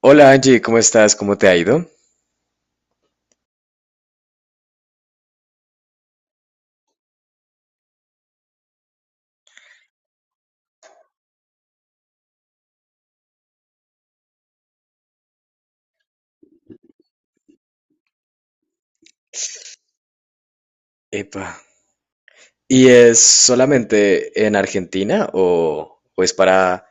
Hola Angie, ¿cómo estás? ¿Cómo te ha ido? Epa. ¿Y es solamente en Argentina o es para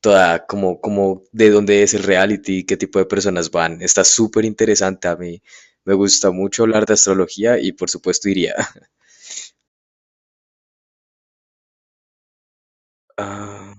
toda, como, como de dónde es el reality, qué tipo de personas van? Está súper interesante a mí. Me gusta mucho hablar de astrología y por supuesto iría. Ah.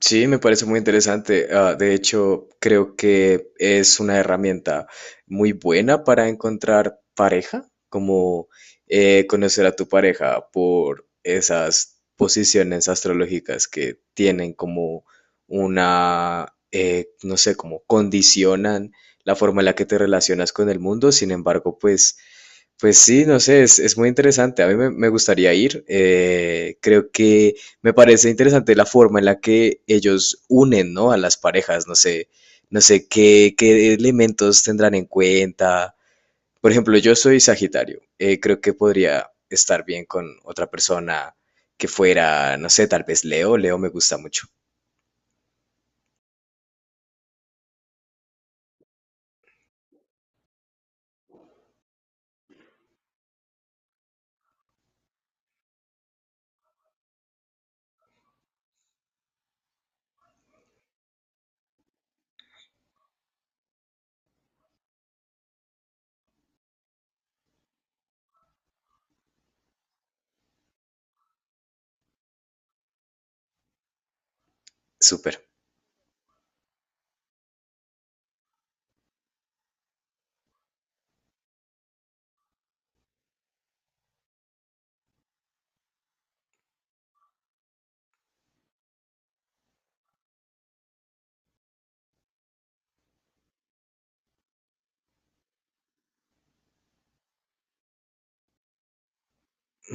Sí, me parece muy interesante. Ah, de hecho, creo que es una herramienta muy buena para encontrar pareja, como conocer a tu pareja por esas posiciones astrológicas que tienen como una, no sé, como condicionan la forma en la que te relacionas con el mundo. Sin embargo, pues sí, no sé, es muy interesante. A mí me gustaría ir. Creo que me parece interesante la forma en la que ellos unen, ¿no?, a las parejas. No sé, no sé qué elementos tendrán en cuenta. Por ejemplo, yo soy Sagitario. Creo que podría estar bien con otra persona que fuera, no sé, tal vez Leo. Leo me gusta mucho. Súper.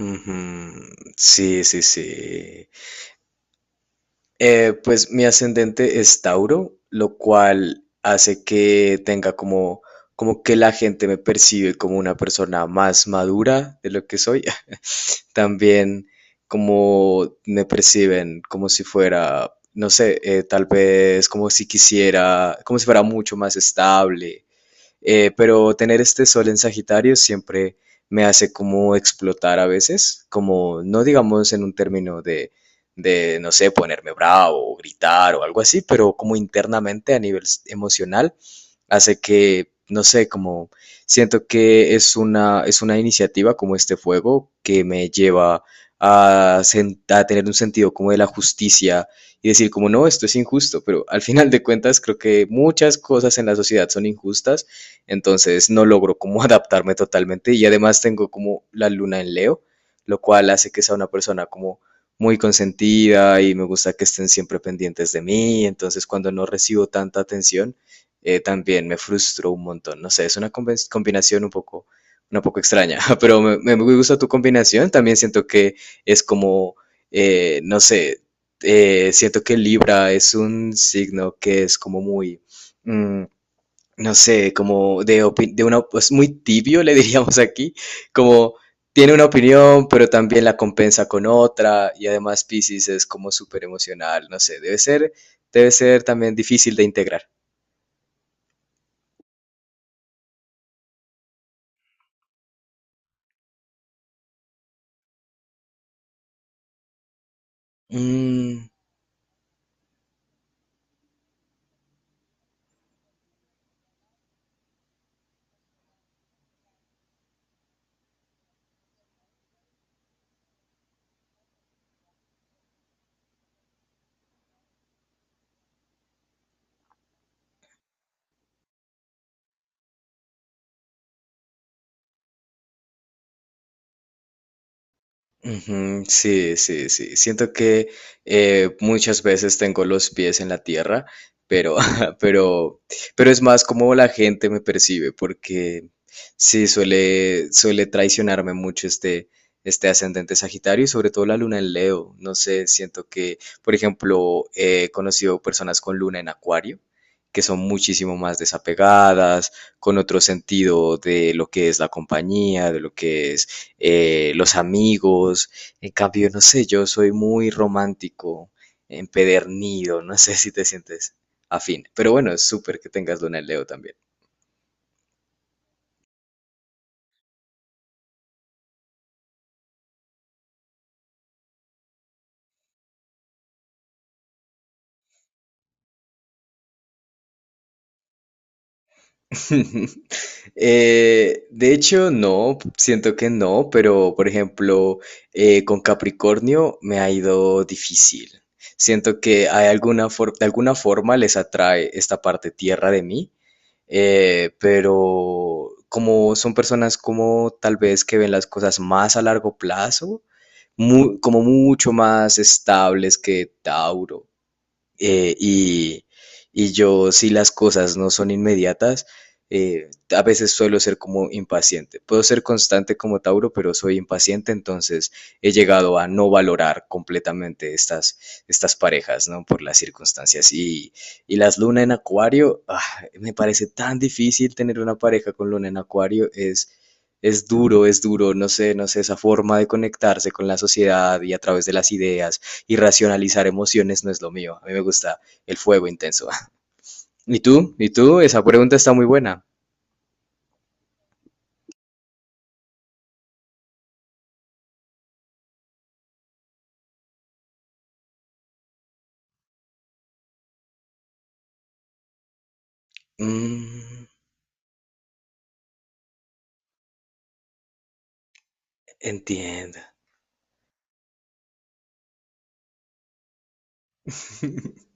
Ujú. Sí, sí, sí. Pues mi ascendente es Tauro, lo cual hace que tenga como, como que la gente me percibe como una persona más madura de lo que soy. También como me perciben como si fuera, no sé, tal vez como si quisiera, como si fuera mucho más estable, pero tener este sol en Sagitario siempre me hace como explotar a veces, como no digamos en un término de, no sé, ponerme bravo o gritar o algo así, pero como internamente a nivel emocional, hace que, no sé, como siento que es una iniciativa como este fuego que me lleva a, a tener un sentido como de la justicia y decir como no, esto es injusto, pero al final de cuentas creo que muchas cosas en la sociedad son injustas, entonces no logro como adaptarme totalmente, y además tengo como la luna en Leo, lo cual hace que sea una persona como muy consentida y me gusta que estén siempre pendientes de mí, entonces cuando no recibo tanta atención, también me frustro un montón, no sé, es una combinación un poco, una poco extraña, pero me gusta tu combinación, también siento que es como, no sé, siento que Libra es un signo que es como muy... mm, no sé, como de, de una, pues muy tibio, le diríamos aquí, como tiene una opinión, pero también la compensa con otra, y además Piscis es como súper emocional, no sé, debe ser también difícil de integrar. Mm. Ujú. Sí, sí, sí. Siento que muchas veces tengo los pies en la tierra, pero, pero, pero es más como la gente me percibe, porque sí, suele, suele traicionarme mucho este, este ascendente Sagitario y sobre todo la luna en Leo. No sé, siento que, por ejemplo, he conocido personas con luna en Acuario, que son muchísimo más desapegadas, con otro sentido de lo que es la compañía, de lo que es los amigos. En cambio, no sé, yo soy muy romántico, empedernido, no sé si te sientes afín. Pero bueno, es súper que tengas luna en Leo también. De hecho, no, siento que no, pero por ejemplo, con Capricornio me ha ido difícil. Siento que hay alguna de alguna forma les atrae esta parte tierra de mí. Pero como son personas como tal vez que ven las cosas más a largo plazo, como mucho más estables que Tauro, eh, y, y yo, si las cosas no son inmediatas, a veces suelo ser como impaciente. Puedo ser constante como Tauro, pero soy impaciente, entonces he llegado a no valorar completamente estas, estas parejas, ¿no? Por las circunstancias. Y las luna en acuario, ah, me parece tan difícil tener una pareja con luna en acuario, es duro, no sé, no sé, esa forma de conectarse con la sociedad y a través de las ideas y racionalizar emociones no es lo mío. A mí me gusta el fuego intenso. ¿Y tú? ¿Y tú? Esa pregunta está muy buena. Mm, entiendo.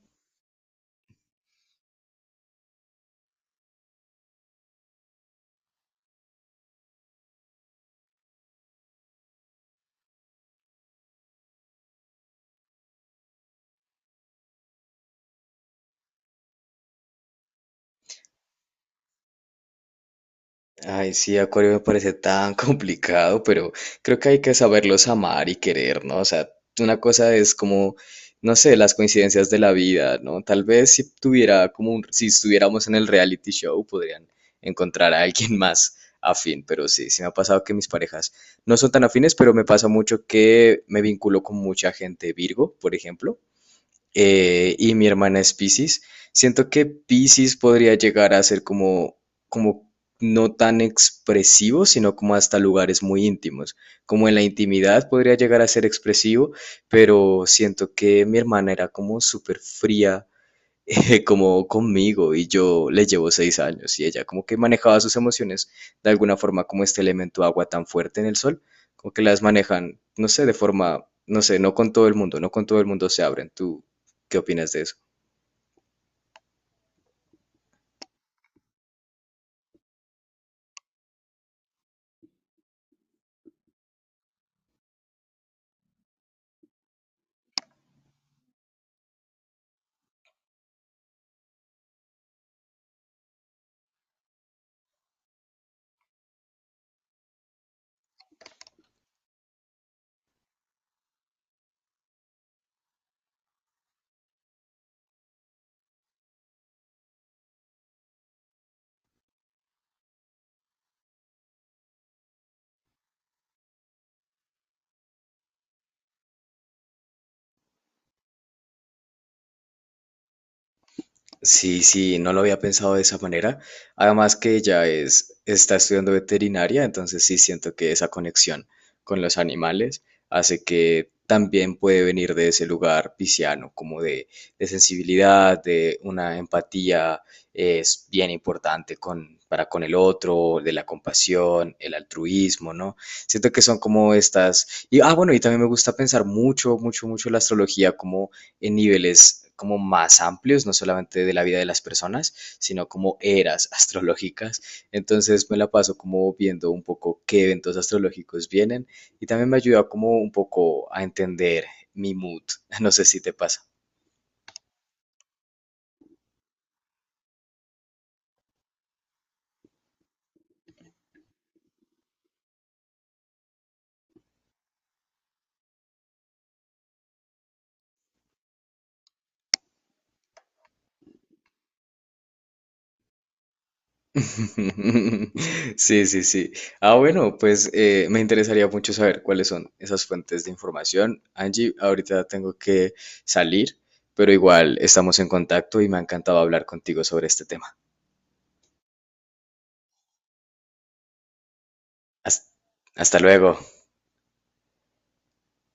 Ay, sí, Acuario me parece tan complicado, pero creo que hay que saberlos amar y querer, ¿no? O sea, una cosa es como, no sé, las coincidencias de la vida, ¿no? Tal vez si tuviera como si estuviéramos en el reality show, podrían encontrar a alguien más afín, pero sí, sí me ha pasado que mis parejas no son tan afines, pero me pasa mucho que me vinculo con mucha gente Virgo, por ejemplo, y mi hermana es Piscis. Siento que Piscis podría llegar a ser como, como no tan expresivo, sino como hasta lugares muy íntimos. Como en la intimidad podría llegar a ser expresivo, pero siento que mi hermana era como súper fría, como conmigo, y yo le llevo 6 años y ella como que manejaba sus emociones de alguna forma como este elemento agua tan fuerte en el sol, como que las manejan, no sé, de forma, no sé, no con todo el mundo, no con todo el mundo se abren. ¿Tú qué opinas de eso? Sí, sí, no lo había pensado de esa manera. Además que ella es, está estudiando veterinaria, entonces sí siento que esa conexión con los animales hace que también puede venir de ese lugar pisciano, como de sensibilidad, de una empatía es bien importante con, para con el otro, de la compasión, el altruismo, ¿no? Siento que son como estas... Y, ah, bueno, y también me gusta pensar mucho, mucho, mucho la astrología como en niveles como más amplios, no solamente de la vida de las personas, sino como eras astrológicas. Entonces me la paso como viendo un poco qué eventos astrológicos vienen y también me ayuda como un poco a entender mi mood. No sé si te pasa. Sí, sí, sí. Ah, bueno, pues me interesaría mucho saber cuáles son esas fuentes de información. Angie, ahorita tengo que salir, pero igual estamos en contacto y me ha encantado hablar contigo sobre este tema. Hast- Hasta luego.